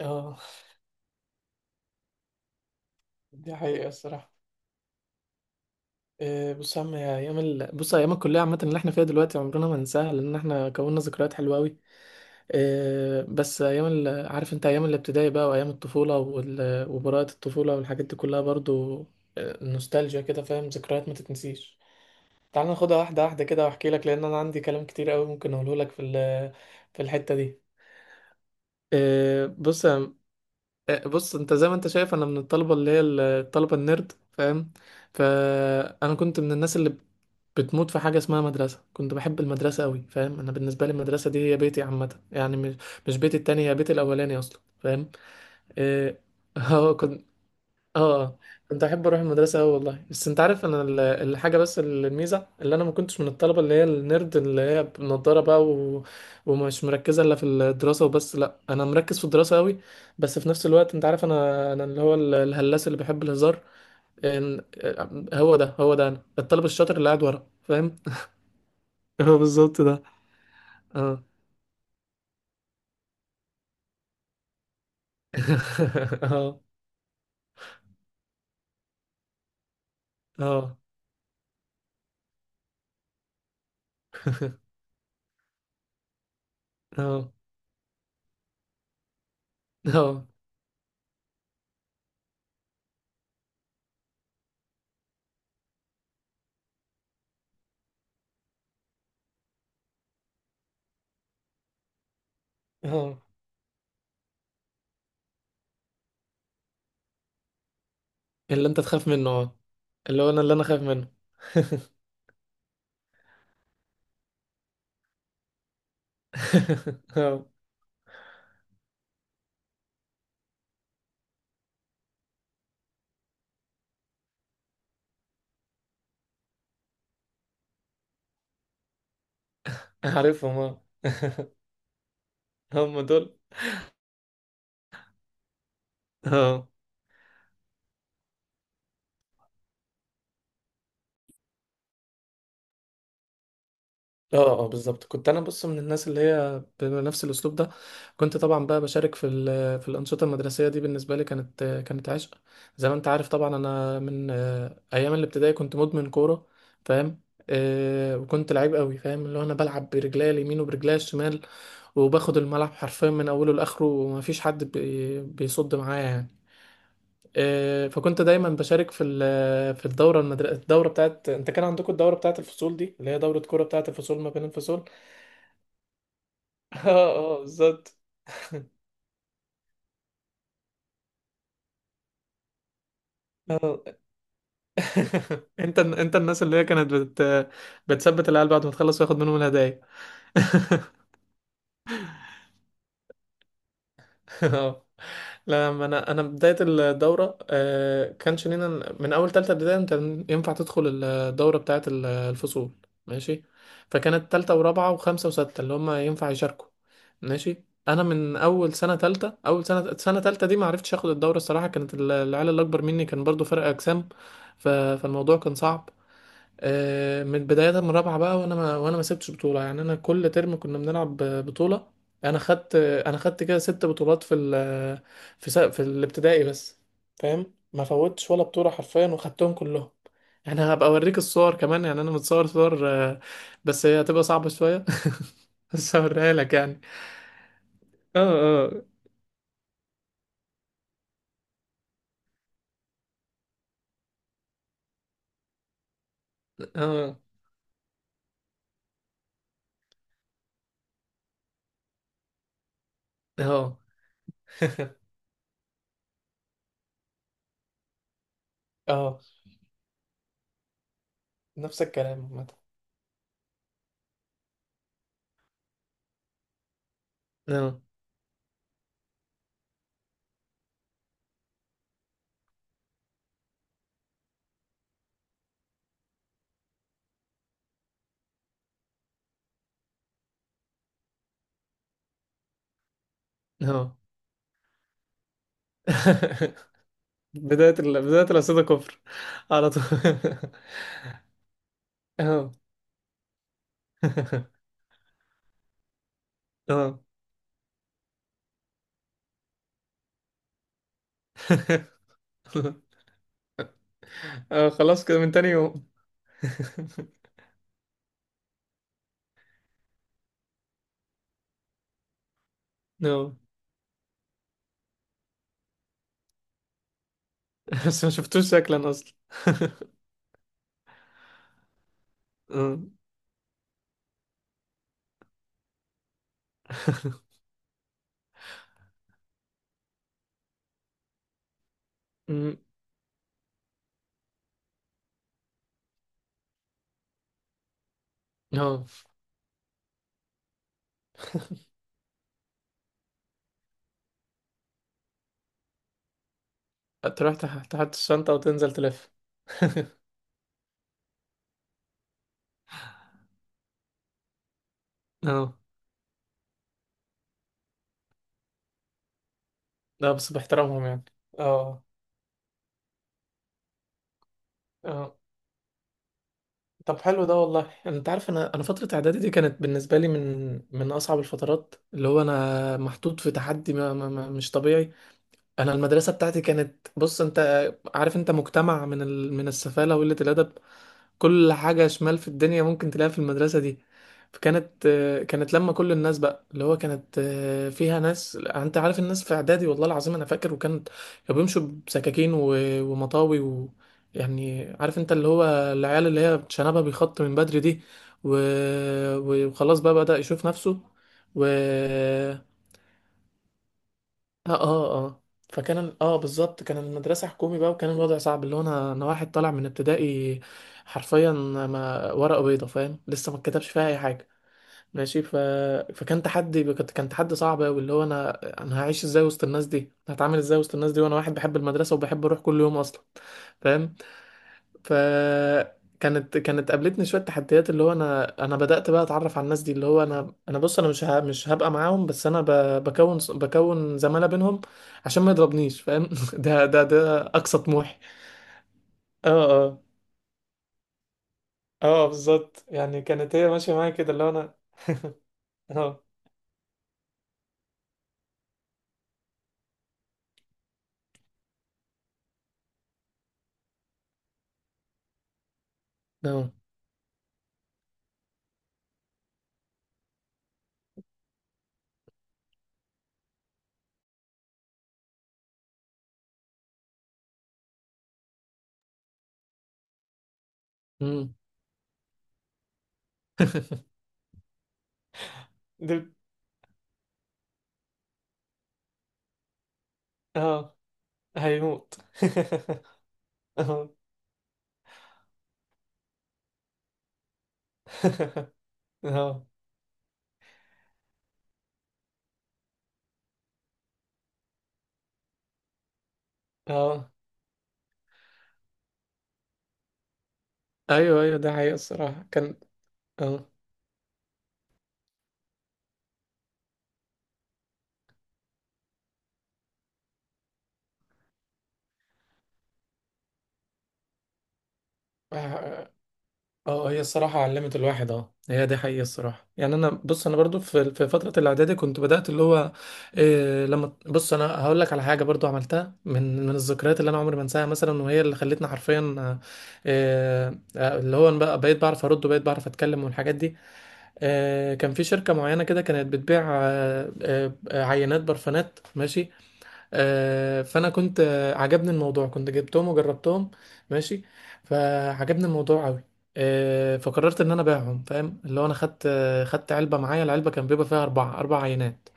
اه. دي حقيقة الصراحة. بص يا عم، بص ايام الكلية عامة اللي احنا فيها دلوقتي عمرنا ما ننساها، لان احنا كوننا ذكريات حلوة قوي. بس ايام عارف انت ايام الابتدائي بقى، وايام الطفولة، وبراءة الطفولة والحاجات دي كلها برضو. نوستالجيا كده، فاهم؟ ذكريات ما تتنسيش. تعال ناخدها واحدة واحدة كده واحكي لك، لان انا عندي كلام كتير قوي ممكن اقوله لك في في الحتة دي. آه، بص بص انت زي ما انت شايف انا من الطلبه اللي هي الطلبه النيرد، فاهم؟ فانا كنت من الناس اللي بتموت في حاجه اسمها مدرسه. كنت بحب المدرسه قوي، فاهم؟ انا بالنسبه لي المدرسه دي هي بيتي عامه، يعني مش بيتي التاني، هي بيتي الاولاني اصلا، فاهم؟ اه. كنت. اه، كنت احب اروح المدرسه أوي والله. بس انت عارف انا الحاجه، بس الميزه اللي انا ما كنتش من الطلبه اللي هي النيرد اللي هي بنضاره بقى ومش مركزه الا في الدراسه وبس، لا انا مركز في الدراسه قوي بس في نفس الوقت. انت عارف انا، اللي هو الهلاس اللي بيحب الهزار. إن- هو ده، هو ده انا الطالب الشاطر اللي قاعد ورا، فاهم؟ هو بالظبط ده. اه. اه. اه. اه. اه. اه اللي انت تخاف منه، اه اللي هو انا اللي انا خايف منه. اه عارفهم، اه هم دول. اه. اه. اه بالظبط، كنت انا بص من الناس اللي هي بنفس الاسلوب ده. كنت طبعا بقى بشارك في في الانشطه المدرسيه دي. بالنسبه لي كانت عشق. زي ما انت عارف طبعا انا من ايام الابتدائي كنت مدمن كوره، فاهم؟ وكنت لعيب قوي، فاهم؟ اللي هو انا بلعب برجليا اليمين وبرجليا الشمال، وباخد الملعب حرفيا من اوله لاخره ومفيش حد بيصد معايا يعني. فكنت دايما بشارك في في الدوره المدرسه، الدوره بتاعت، انت كان عندكم الدوره بتاعت الفصول دي اللي هي دوره كوره بتاعت الفصول، ما بين الفصول. اه. اه بالظبط. اه. انت، الناس اللي هي كانت بتثبت العيال بعد ما تخلص وياخد منهم الهدايا. اه. لا ما انا، انا بدايه الدوره كانش لينا. من اول تالتة ابتدائي انت ينفع تدخل الدوره بتاعه الفصول، ماشي؟ فكانت تالتة ورابعه وخمسه وسته اللي هم ينفع يشاركوا. ماشي، انا من اول سنه تالتة، اول سنه، سنه تالتة دي ما عرفتش اخد الدوره الصراحه، كانت العيال اللي اكبر مني كان برضو فرق اجسام، فالموضوع كان صعب. من بداية، من رابعة بقى، وانا ما سبتش بطولة، يعني انا كل ترم كنا بنلعب بطولة. انا خدت كده ست بطولات في في في الابتدائي بس، فاهم؟ ما فوتش ولا بطولة حرفيا وخدتهم كلهم، يعني هبقى اوريك الصور كمان. يعني انا متصور صور بس هي هتبقى صعبة شوية. بس هوريها لك يعني. اه. اه. اه. اه. اه. نفس الكلام عامة. اه. اه. بداية بداية الأسئلة كفر على طول. اه. اه. اه خلاص كده من تاني يوم. اه. بس ما شفتوش شكلا اصلا. اه. أمم. اه تروح تحط الشنطة وتنزل تلف. اه. لا بس باحترامهم يعني. اه. اه. طب حلو، ده والله انت عارف انا، انا فترة اعدادي دي كانت بالنسبة لي من اصعب الفترات. اللي هو انا محطوط في تحدي ما ما ما مش طبيعي. انا المدرسة بتاعتي كانت، بص انت عارف انت، مجتمع من من السفالة وقلة الادب. كل حاجة شمال في الدنيا ممكن تلاقيها في المدرسة دي. فكانت كانت لما كل الناس بقى، اللي هو كانت فيها ناس، انت عارف الناس في اعدادي، والله العظيم انا فاكر، كانوا بيمشوا بسكاكين ومطاوي، و يعني عارف انت اللي هو العيال اللي هي شنبها بيخط من بدري دي و... وخلاص بقى بدأ يشوف نفسه و... اه. اه. اه فكان، اه بالظبط، كان المدرسة حكومي بقى وكان الوضع صعب. اللي هو انا، انا واحد طالع من ابتدائي حرفيا، ما ورقة بيضة، فاهم؟ لسه ما اتكتبش فيها اي حاجة، ماشي؟ فكان تحدي، كان تحدي صعب قوي، اللي هو انا، انا هعيش ازاي وسط الناس دي، هتعامل ازاي وسط الناس دي وانا واحد بحب المدرسة وبحب اروح كل يوم اصلا، فاهم؟ فكانت قابلتني شويه تحديات. اللي هو انا، انا بدات بقى اتعرف على الناس دي، اللي هو انا انا بص انا مش مش هبقى معاهم، بس انا بكون، زماله بينهم عشان ما يضربنيش، فاهم؟ ده اقصى طموحي. اه. اه. اه بالظبط، يعني كانت هي ماشيه معايا كده اللي هو انا. اه. اه. امم. دب. اه. هيموت. اه. اه. اه ايوه ايوه ده حقيقة الصراحة كان. اه. اه هي الصراحة علمت الواحد، اه هي دي حقيقة الصراحة. يعني انا بص، انا برضو في فترة الاعدادي كنت بدأت اللي هو إيه. لما بص انا هقول لك على حاجة برضو عملتها من الذكريات اللي انا عمري ما انساها مثلا، وهي اللي خلتني حرفيا إيه. اللي هو أنا بقى بقيت بعرف ارد وبقيت بعرف اتكلم والحاجات دي إيه. كان في شركة معينة كده كانت بتبيع عينات برفانات، ماشي. فانا كنت، عجبني الموضوع، كنت جبتهم وجربتهم، ماشي. فعجبني الموضوع قوي. فقررت ان انا ابيعهم، فاهم؟ اللي هو انا خدت، خدت علبه معايا. العلبه كان بيبقى فيها اربعه، اربع عينات.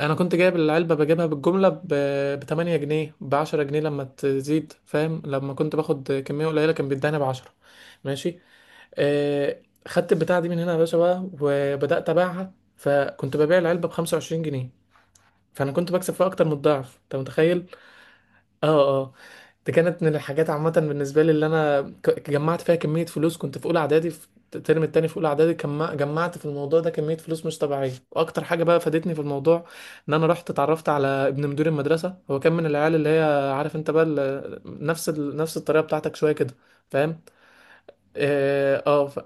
انا كنت جايب العلبه، بجيبها بالجمله ب 8 جنيه، ب 10 جنيه لما تزيد، فاهم؟ لما كنت باخد كميه قليله كان بيداني ب 10، ماشي. آه، خدت البتاعه دي من هنا يا باشا بقى وبدات ابيعها. فكنت ببيع العلبه ب 25 جنيه، فانا كنت بكسب فيها اكتر من الضعف، انت متخيل؟ اه. اه. ده كانت من الحاجات عامة بالنسبة لي اللي انا جمعت فيها كمية فلوس. كنت في اولى اعدادي في الترم التاني. في اولى اعدادي جمعت في الموضوع ده كمية فلوس مش طبيعية. واكتر حاجة بقى فادتني في الموضوع ان انا رحت اتعرفت على ابن مدير المدرسة. هو كان من العيال اللي هي، عارف انت بقى نفس نفس الطريقة بتاعتك شوية كده، فاهم؟ اه. اه.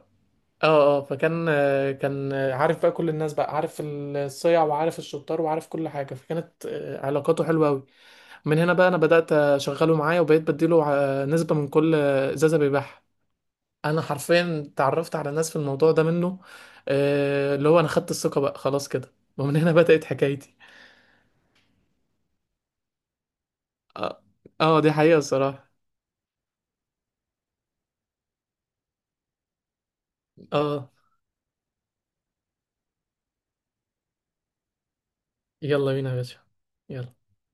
اه. اه فكان كان عارف بقى كل الناس بقى، عارف الصيع وعارف الشطار وعارف كل حاجة. فكانت علاقاته حلوة أوي. من هنا بقى انا بدات اشغله معايا وبقيت بديله نسبه من كل ازازه بيبيعها. انا حرفيا تعرفت على ناس في الموضوع ده منه. اللي هو انا خدت الثقه بقى خلاص كده، ومن هنا بدات حكايتي. اه. دي حقيقه الصراحه. اه. يلا بينا يا باشا. يلا.